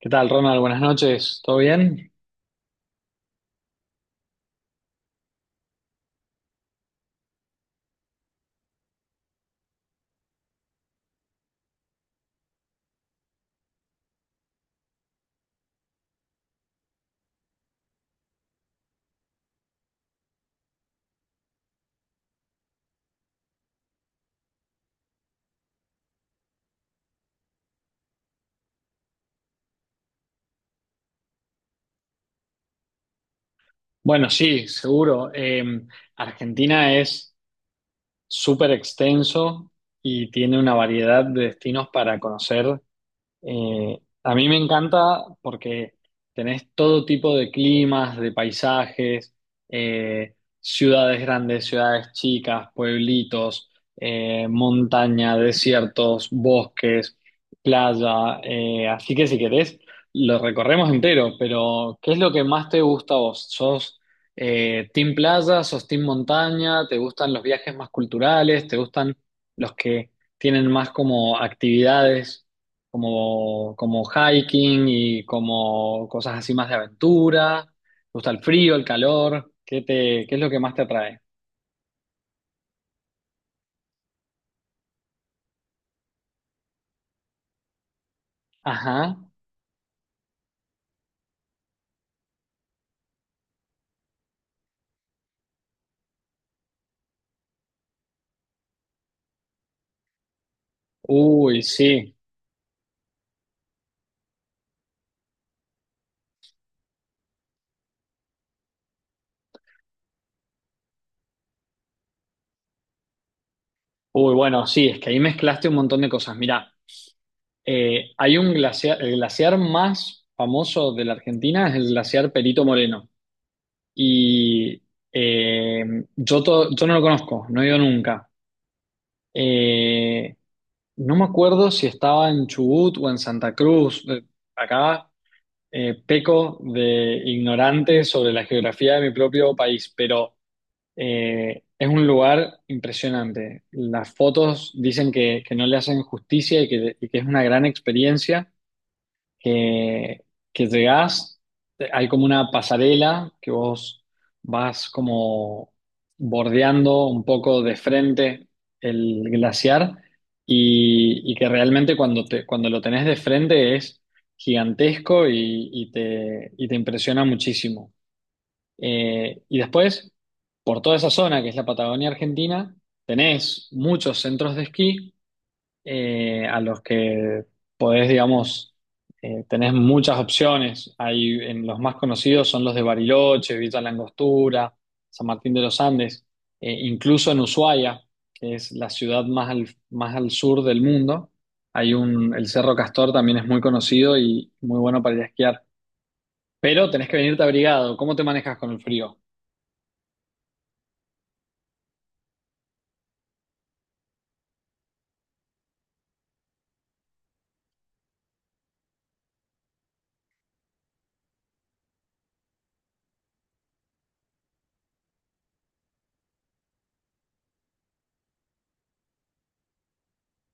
¿Qué tal, Ronald? Buenas noches. ¿Todo bien? Bueno, sí, seguro. Argentina es súper extenso y tiene una variedad de destinos para conocer. A mí me encanta porque tenés todo tipo de climas, de paisajes, ciudades grandes, ciudades chicas, pueblitos, montaña, desiertos, bosques, playa. Así que si querés, lo recorremos entero, pero ¿qué es lo que más te gusta a vos? ¿Sos team playa, sos team montaña? ¿Te gustan los viajes más culturales? ¿Te gustan los que tienen más como actividades? Como hiking y como cosas así más de aventura. ¿Te gusta el frío, el calor? Qué es lo que más te atrae? Ajá. Uy, sí. Uy, bueno, sí, es que ahí mezclaste un montón de cosas. Mirá, hay un glaciar, el glaciar más famoso de la Argentina es el glaciar Perito Moreno. Y eh, yo no lo conozco, no he ido nunca. Eh, no me acuerdo si estaba en Chubut o en Santa Cruz. Acá peco de ignorante sobre la geografía de mi propio país, pero es un lugar impresionante. Las fotos dicen que no le hacen justicia y y que es una gran experiencia que, que llegás, hay como una pasarela que vos vas como bordeando un poco de frente el glaciar y que realmente cuando lo tenés de frente es gigantesco y y te impresiona muchísimo. Y después, por toda esa zona que es la Patagonia Argentina, tenés muchos centros de esquí a los que podés, digamos, tenés muchas opciones. En los más conocidos son los de Bariloche, Villa La Angostura, San Martín de los Andes, incluso en Ushuaia, que es la ciudad más al sur del mundo. El Cerro Castor también es muy conocido y muy bueno para ir a esquiar. Pero tenés que venirte abrigado. ¿Cómo te manejas con el frío?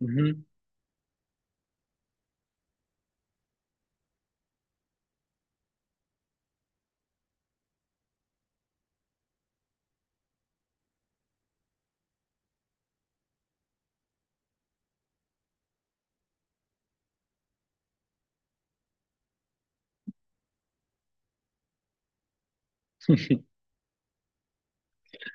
Ujú.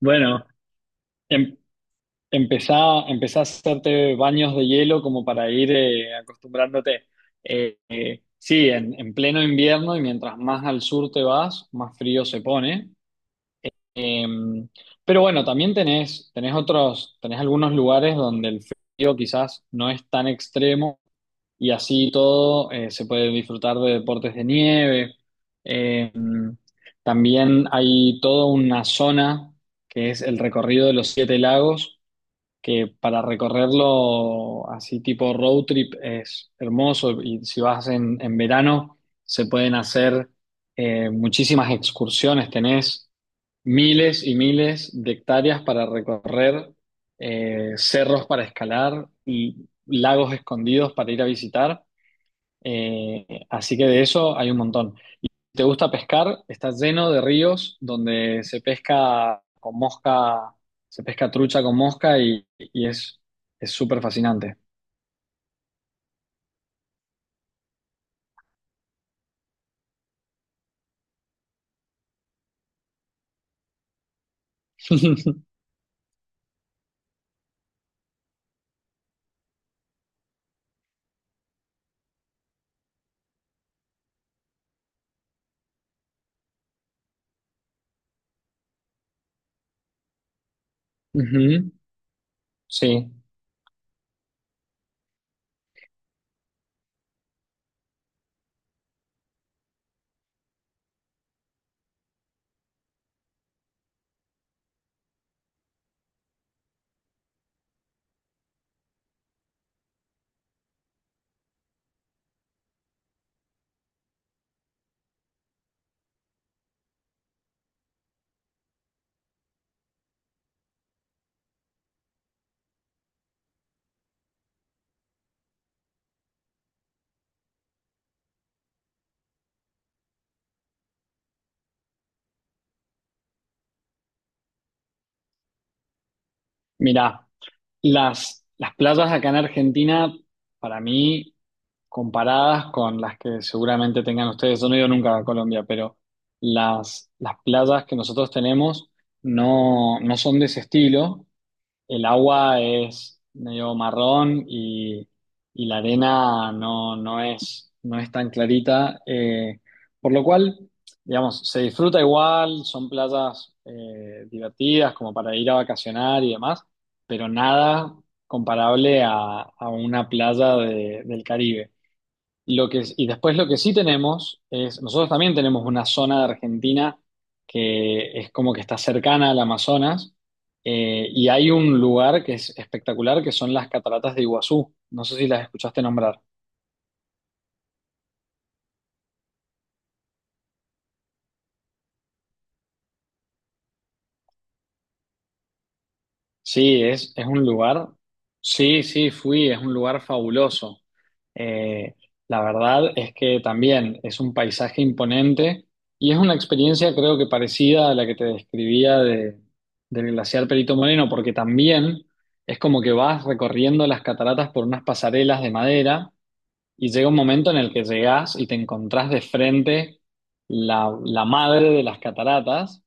Bueno, em- empezá, empezá a hacerte baños de hielo como para ir acostumbrándote. Sí, en pleno invierno, y mientras más al sur te vas, más frío se pone. Eh, pero bueno, también tenés algunos lugares donde el frío quizás no es tan extremo y así todo se puede disfrutar de deportes de nieve. Eh, También hay toda una zona que es el recorrido de los siete lagos, que para recorrerlo así tipo road trip es hermoso, y si vas en verano se pueden hacer muchísimas excursiones, tenés miles y miles de hectáreas para recorrer, cerros para escalar y lagos escondidos para ir a visitar. Así que de eso hay un montón. Te gusta pescar, está lleno de ríos donde se pesca con mosca, se pesca trucha con mosca, y es súper fascinante. Ujú. Sí, mira, las playas acá en Argentina, para mí, comparadas con las que seguramente tengan ustedes, yo no he ido nunca a Colombia, pero las playas que nosotros tenemos no son de ese estilo, el agua es medio marrón, y la arena no es tan clarita. Por lo cual, digamos, se disfruta igual, son playas divertidas como para ir a vacacionar y demás, pero nada comparable a una playa del Caribe. Y después lo que sí tenemos es, nosotros también tenemos una zona de Argentina que es como que está cercana al Amazonas, y hay un lugar que es espectacular, que son las cataratas de Iguazú. No sé si las escuchaste nombrar. Sí, es un lugar, sí, sí, fui, es un lugar fabuloso. Eh, la verdad es que también es un paisaje imponente, y es una experiencia creo que parecida a la que te describía del glaciar Perito Moreno, porque también es como que vas recorriendo las cataratas por unas pasarelas de madera, y llega un momento en el que llegás y te encontrás de frente la madre de las cataratas.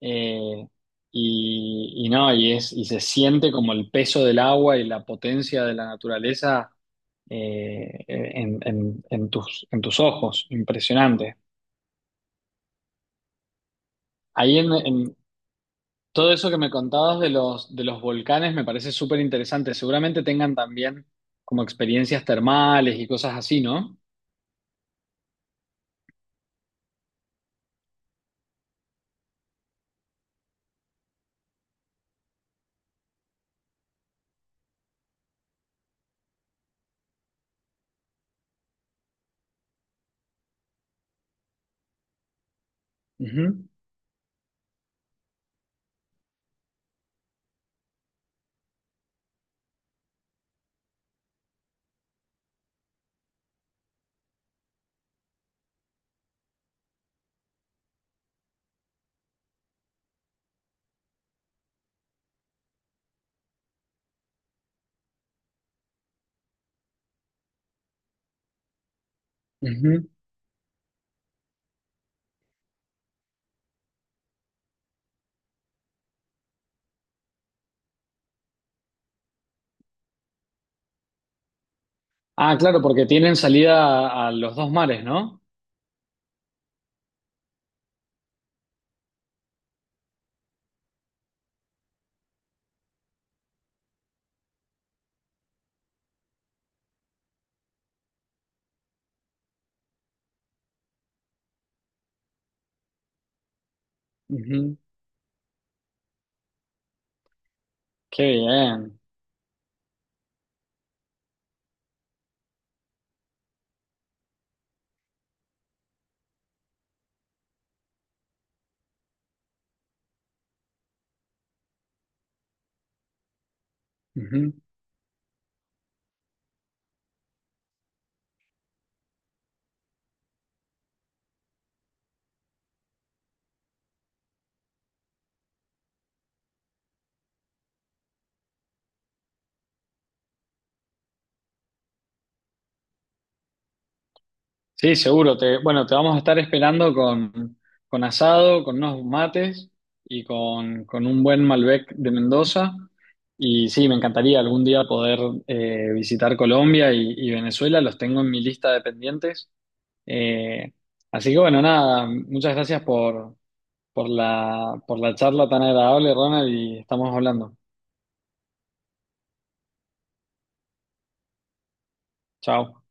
Eh, y, y no, y, es, y se siente como el peso del agua y la potencia de la naturaleza en tus ojos, impresionante. Ahí en todo eso que me contabas de los volcanes me parece súper interesante. Seguramente tengan también como experiencias termales y cosas así, ¿no? Ujú, ujú. Ah, claro, porque tienen salida a los dos mares, ¿no? Ujú. Qué bien. Ujú. Sí, seguro. Bueno, te vamos a estar esperando con asado, con unos mates y con un buen Malbec de Mendoza. Y sí, me encantaría algún día poder visitar Colombia y Venezuela. Los tengo en mi lista de pendientes. Eh, Así que bueno, nada, muchas gracias por la charla tan agradable, Ronald, y estamos hablando. Chao.